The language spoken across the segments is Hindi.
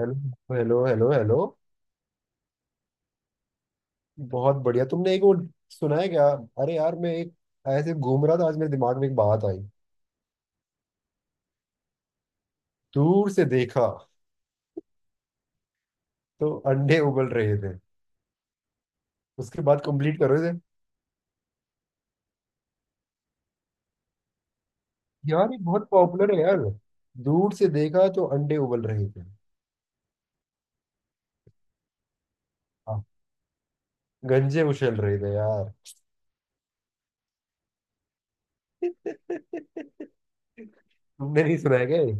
हेलो। Hello hello hello. बहुत बढ़िया। तुमने एक वो सुना है क्या? अरे यार, मैं एक ऐसे घूम रहा था, आज मेरे दिमाग में एक बात आई। दूर से देखा तो अंडे उबल रहे थे। उसके बाद कंप्लीट करो इसे। यार ये बहुत पॉपुलर है यार। दूर से देखा तो अंडे उबल रहे थे। हाँ, गंजे उछल रहे थे यार। तुमने नहीं सुना है क्या ये?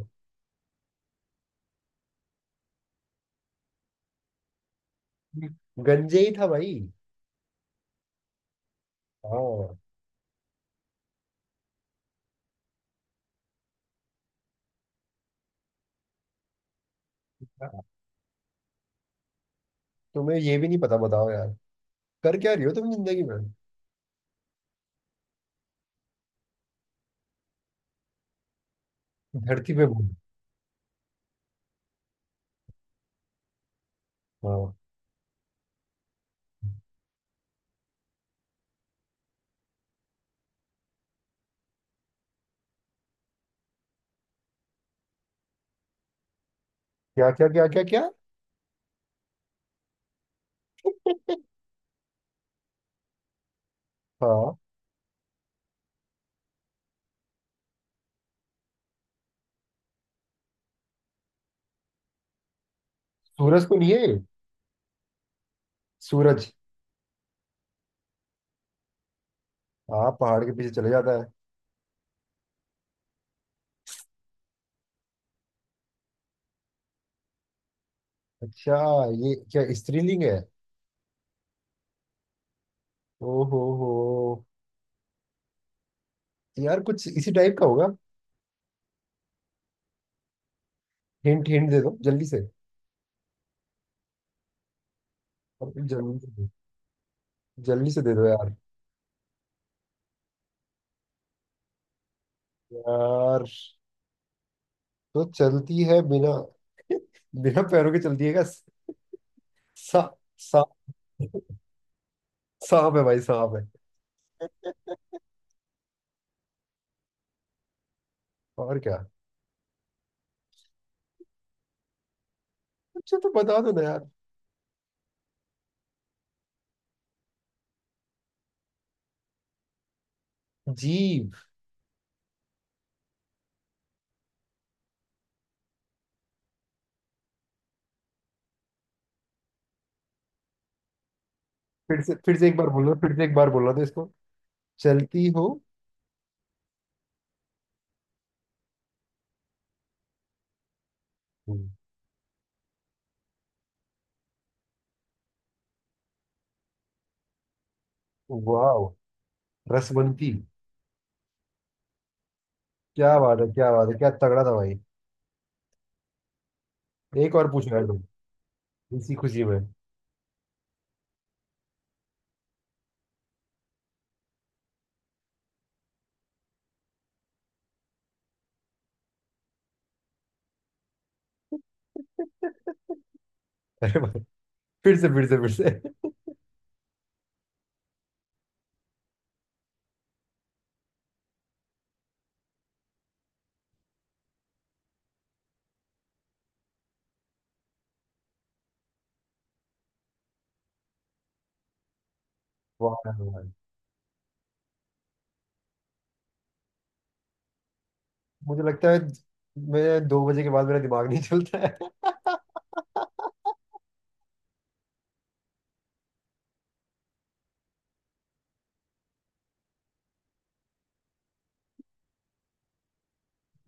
गंजे ही था भाई। हाँ। तुम्हें ये भी नहीं पता, बताओ यार। कर क्या रही हो तुम जिंदगी में? धरती पे घूम। हाँ। क्या क्या क्या क्या क्या। हाँ, सूरज को नहीं है। सूरज। हाँ, पहाड़ के पीछे चले जाता है। अच्छा, ये क्या स्त्रीलिंग है? ओहो हो। यार कुछ इसी टाइप का होगा। हिंट हिंट दे दो जल्दी से। अब तुम जल्दी से दो। जल्दी से दे दो यार। यार तो चलती है बिना। बिना पैरों के चलती है क्या? सा। सा। सांप है भाई, सांप है। और क्या। अच्छा तो बता दो ना यार। जीभ। फिर से, फिर से एक बार बोलना, फिर से एक बार बोलना तो इसको। चलती हो। वाह। रसवंती। क्या बात है, क्या बात है, क्या तगड़ा था भाई। एक और पूछ रहा हूँ, इसी खुशी में। अरे भाई, फिर से फिर से फिर से। वाह यार, वाह। मुझे लगता है मैं दो बजे के बाद मेरा दिमाग नहीं चलता है।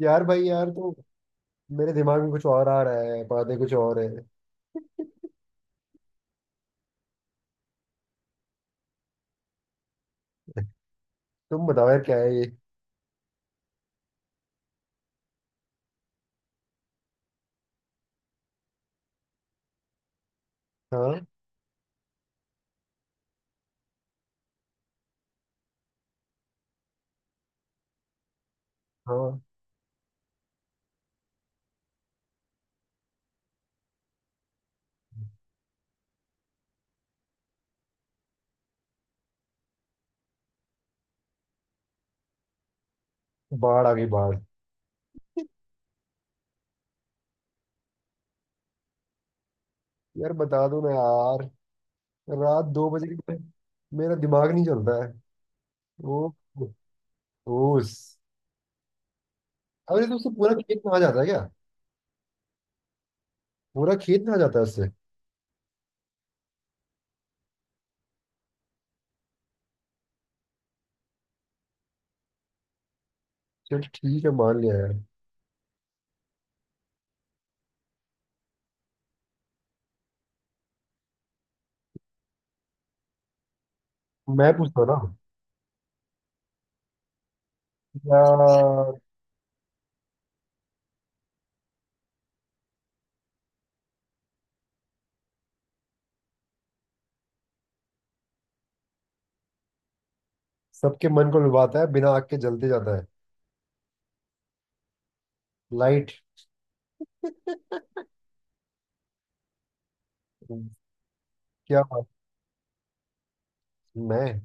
यार भाई यार, तो मेरे दिमाग में कुछ और आ रहा है, बातें कुछ और है। तुम बताओ यार क्या है ये। हाँ। हाँ, बाढ़ आ गई, बाढ़। यार बता दो ना यार। रात दो बजे के बाद मेरा दिमाग नहीं चलता है। ओ। ओस। अरे तो उससे पूरा खेत में आ जाता है क्या? पूरा खेत में आ जाता है उससे। चल, ठीक है, मान लिया यार। मैं पूछता हूँ ना। क्या सबके मन को लुभाता है, बिना आग के जलते जाता है? लाइट। क्या बात। मैं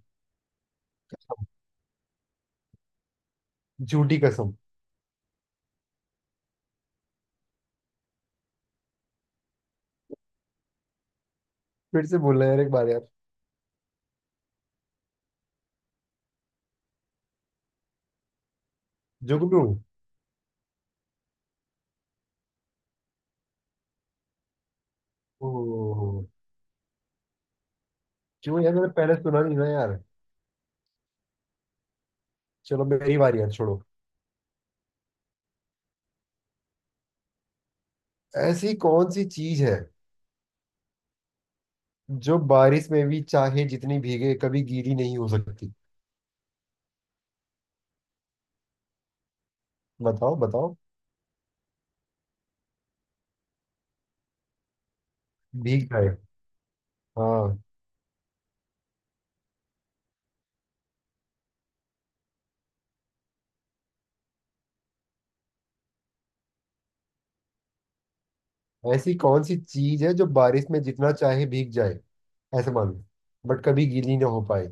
झूठी कसम। फिर से बोलना है यार एक बार यार। जुगनू। ओह। क्यों यार, मैंने पहले सुना नहीं ना यार। चलो मेरी बारी यार, छोड़ो। ऐसी कौन सी चीज है जो बारिश में भी चाहे जितनी भीगे कभी गीली नहीं हो सकती? बताओ बताओ। भीग जाए। हाँ। ऐसी कौन सी चीज है जो बारिश में जितना चाहे भीग जाए, ऐसे मान लो, बट कभी गीली ना हो पाए।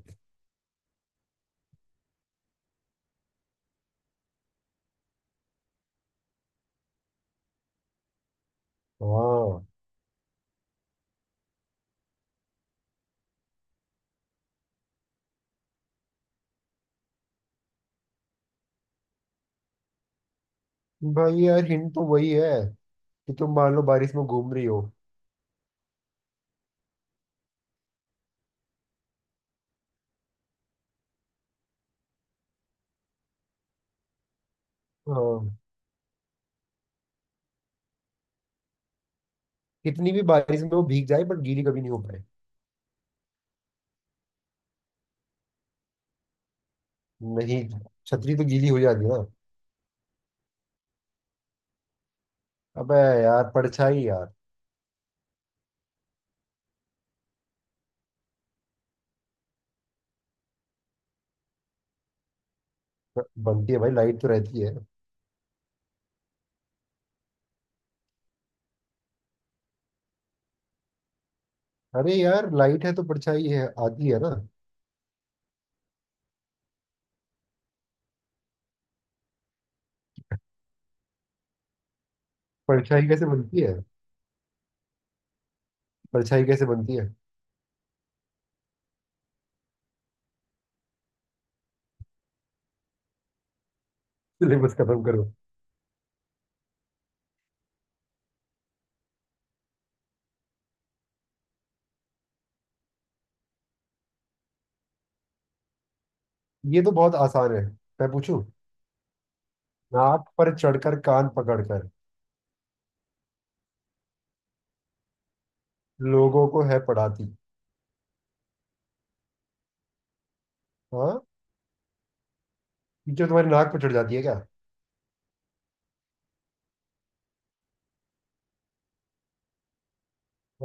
हाँ। भाई यार, हिंट तो वही है कि तुम मान लो बारिश में घूम रही हो। हाँ। कितनी भी बारिश में वो भीग जाए, बट गीली कभी नहीं हो पाए। नहीं, छतरी तो गीली हो जाती है ना। अबे, यार परछाई यार। बनती है भाई, लाइट तो रहती है। अरे यार, लाइट है तो परछाई है, आती है ना। परछाई कैसे बनती है? परछाई कैसे बनती है? सिलेबस खत्म करो। ये तो बहुत आसान है। मैं पूछूं। नाक पर चढ़कर कान पकड़कर लोगों को है पढ़ाती। हाँ, ये क्या तुम्हारी नाक पर चढ़ जाती है क्या?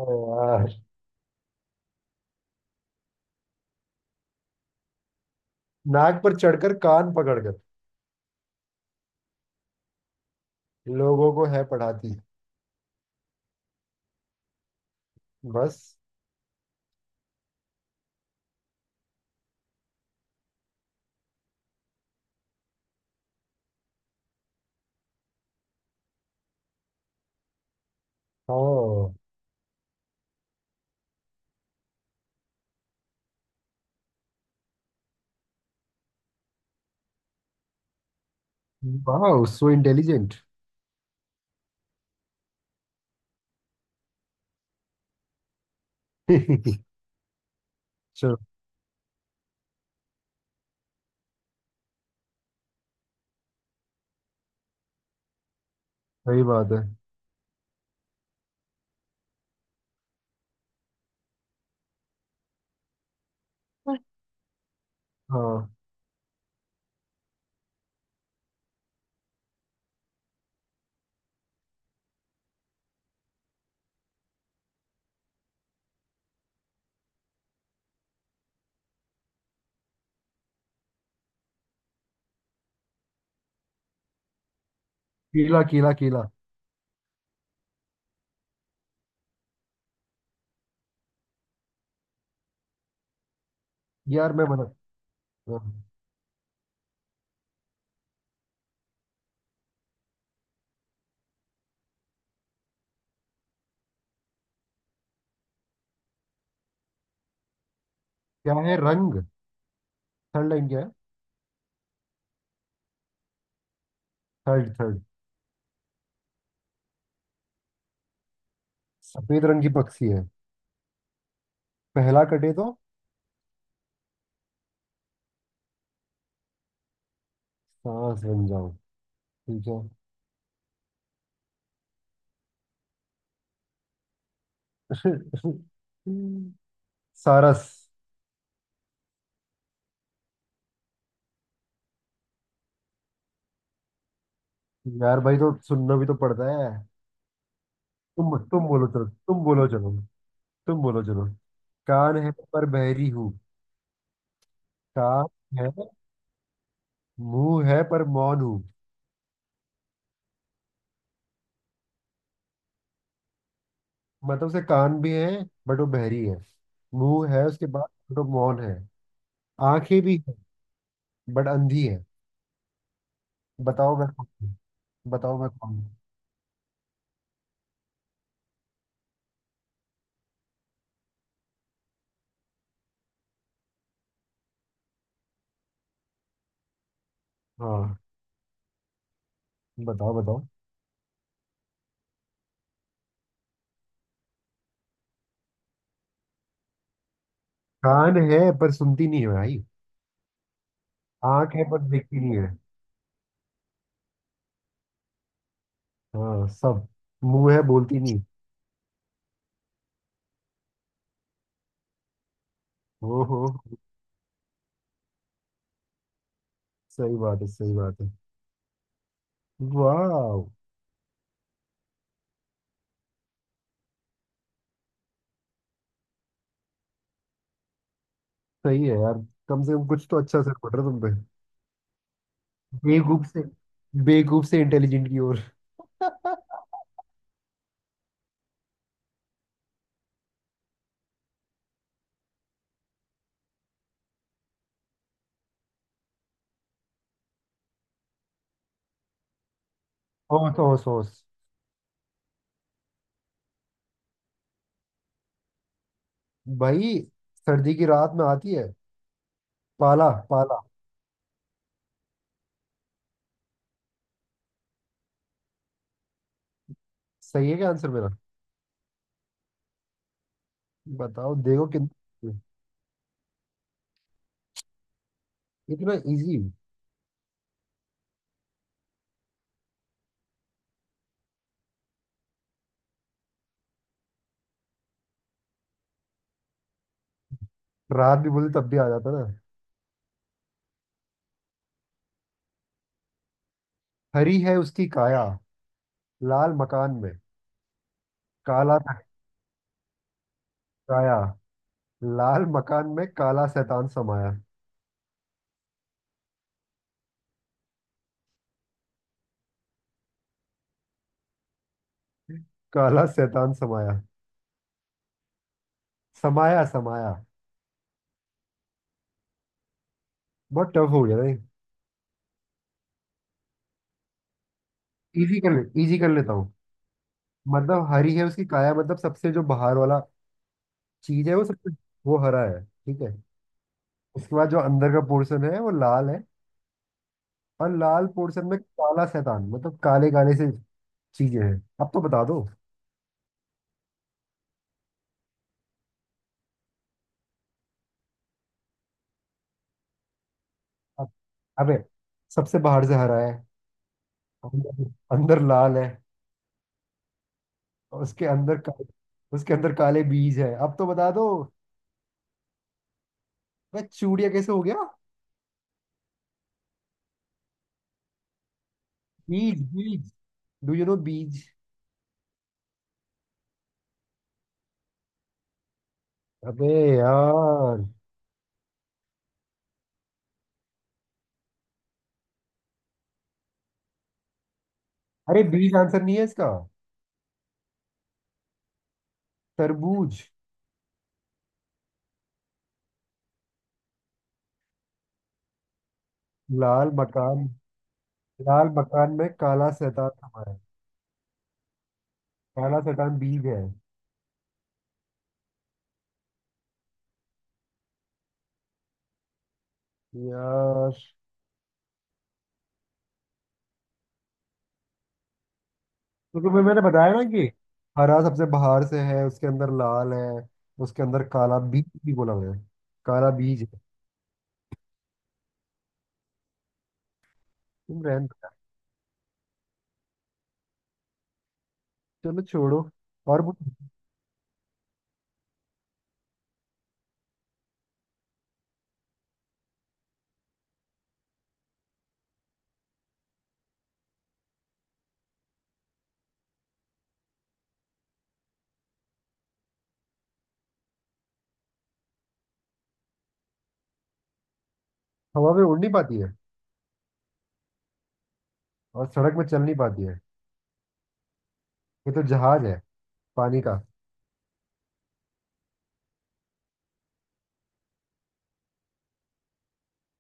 अरे यार। नाक पर चढ़कर कान पकड़कर लोगों को है पढ़ाती। बस। हाँ। वाह, सो इंटेलिजेंट। चलो। सही बात है। हाँ। कीला कीला कीला। यार मैं बना। हाँ, क्या है रंग? थर्ड लाइन क्या है? थर्ड थर्ड सफेद रंग की पक्षी है। पहला कटे तो सांस बन जाओ। ठीक। है सारस। यार भाई तो सुनना भी तो पड़ता है। तुम बोलो चलो, तुम बोलो चलो, तुम बोलो चलो। कान है पर बहरी हूँ। कान है। मुंह है पर मौन हूँ। मतलब उसे कान भी है, बट वो बहरी है। मुंह है उसके बाद। बट वो मौन है। आंखें भी है, बट अंधी है। बताओ मैं कौन हूँ? बताओ मैं कौन हूँ? हाँ, बताओ बताओ। कान है पर सुनती नहीं है भाई। आंख है पर देखती नहीं है। हाँ सब। मुंह है, बोलती नहीं। ओ हो। सही बात है, सही बात है। वाह। सही है यार। कम से कम कुछ तो अच्छा असर पड़ रहा है तुम पे। बेवकूफ से, बेवकूफ से इंटेलिजेंट की ओर। होश होश होश। भाई, सर्दी की रात में आती है। पाला पाला। सही है क्या आंसर मेरा? बताओ देखो कितना इतना इजी। रात भी बोलते तब भी आ जाता ना। हरी है उसकी काया, लाल मकान में काला। काया। लाल मकान में काला शैतान समाया। काला शैतान समाया। समाया समाया। बहुत टफ हो गया नहीं? इजी कर ले, इजी कर लेता हूँ। मतलब हरी है उसकी काया मतलब सबसे जो बाहर वाला चीज है वो सबसे, वो हरा है, ठीक है। उसके बाद जो अंदर का पोर्शन है वो लाल है। और लाल पोर्शन में काला शैतान मतलब काले काले से चीजें हैं। अब तो बता दो। अब- अबे सबसे बाहर से हरा है। अंदर, अंदर लाल है। और उसके अंदर का, उसके अंदर काले बीज है। अब तो बता दो। मैं चूड़िया कैसे हो गया? Beige beige. Do you know beige? अबे यार। अरे बीज आंसर नहीं है इसका। तरबूज। लाल मकान। लाल मकान में काला शैतान समा है। काला शैतान बीज है। यार, तो तुम्हें मैंने बताया ना कि हरा सबसे बाहर से है, उसके अंदर लाल है, उसके अंदर काला बीज भी बोला हुआ है। काला बीज है। तुम रहन दो। यार। चलो छोड़ो। और वो हवा में उड़ नहीं पाती है और सड़क में चल नहीं पाती है। ये तो जहाज है, पानी का।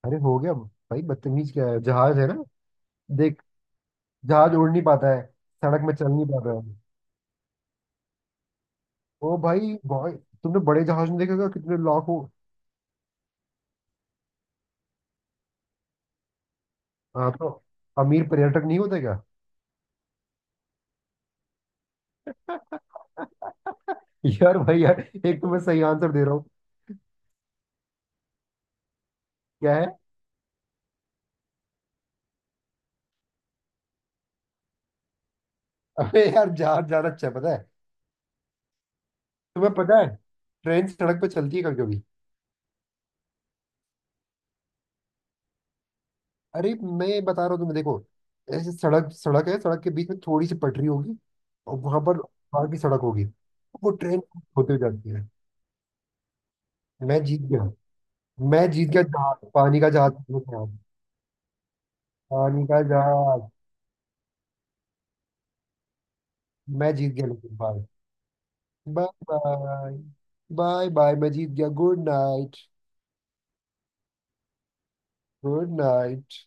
अरे हो गया भाई, बदतमीज क्या है, जहाज है ना। देख, जहाज उड़ नहीं पाता है, सड़क में चल नहीं पाता है। ओ भाई भाई, तुमने बड़े जहाज में देखा होगा कितने लाखों। हाँ तो अमीर पर्यटक नहीं होते क्या? यार भाई यार, एक तो मैं सही आंसर दे रहा हूँ। क्या है? अरे यार, जहाज ज्यादा अच्छा है, पता है। तुम्हें पता है, ट्रेन सड़क पे चलती है कभी कभी। अरे, मैं बता रहा हूँ तुम्हें, देखो। ऐसे सड़क, सड़क है, सड़क के बीच में थोड़ी सी पटरी होगी और वहां पर बाहर की सड़क होगी, वो ट्रेन होते हुए जाती है। मैं जीत गया। मैं जीत गया, जहाज, पानी का जहाज। पानी का जहाज। मैं जीत गया, लेकिन bye. Bye bye. Bye bye, मैं जीत गया। Good night. Good night.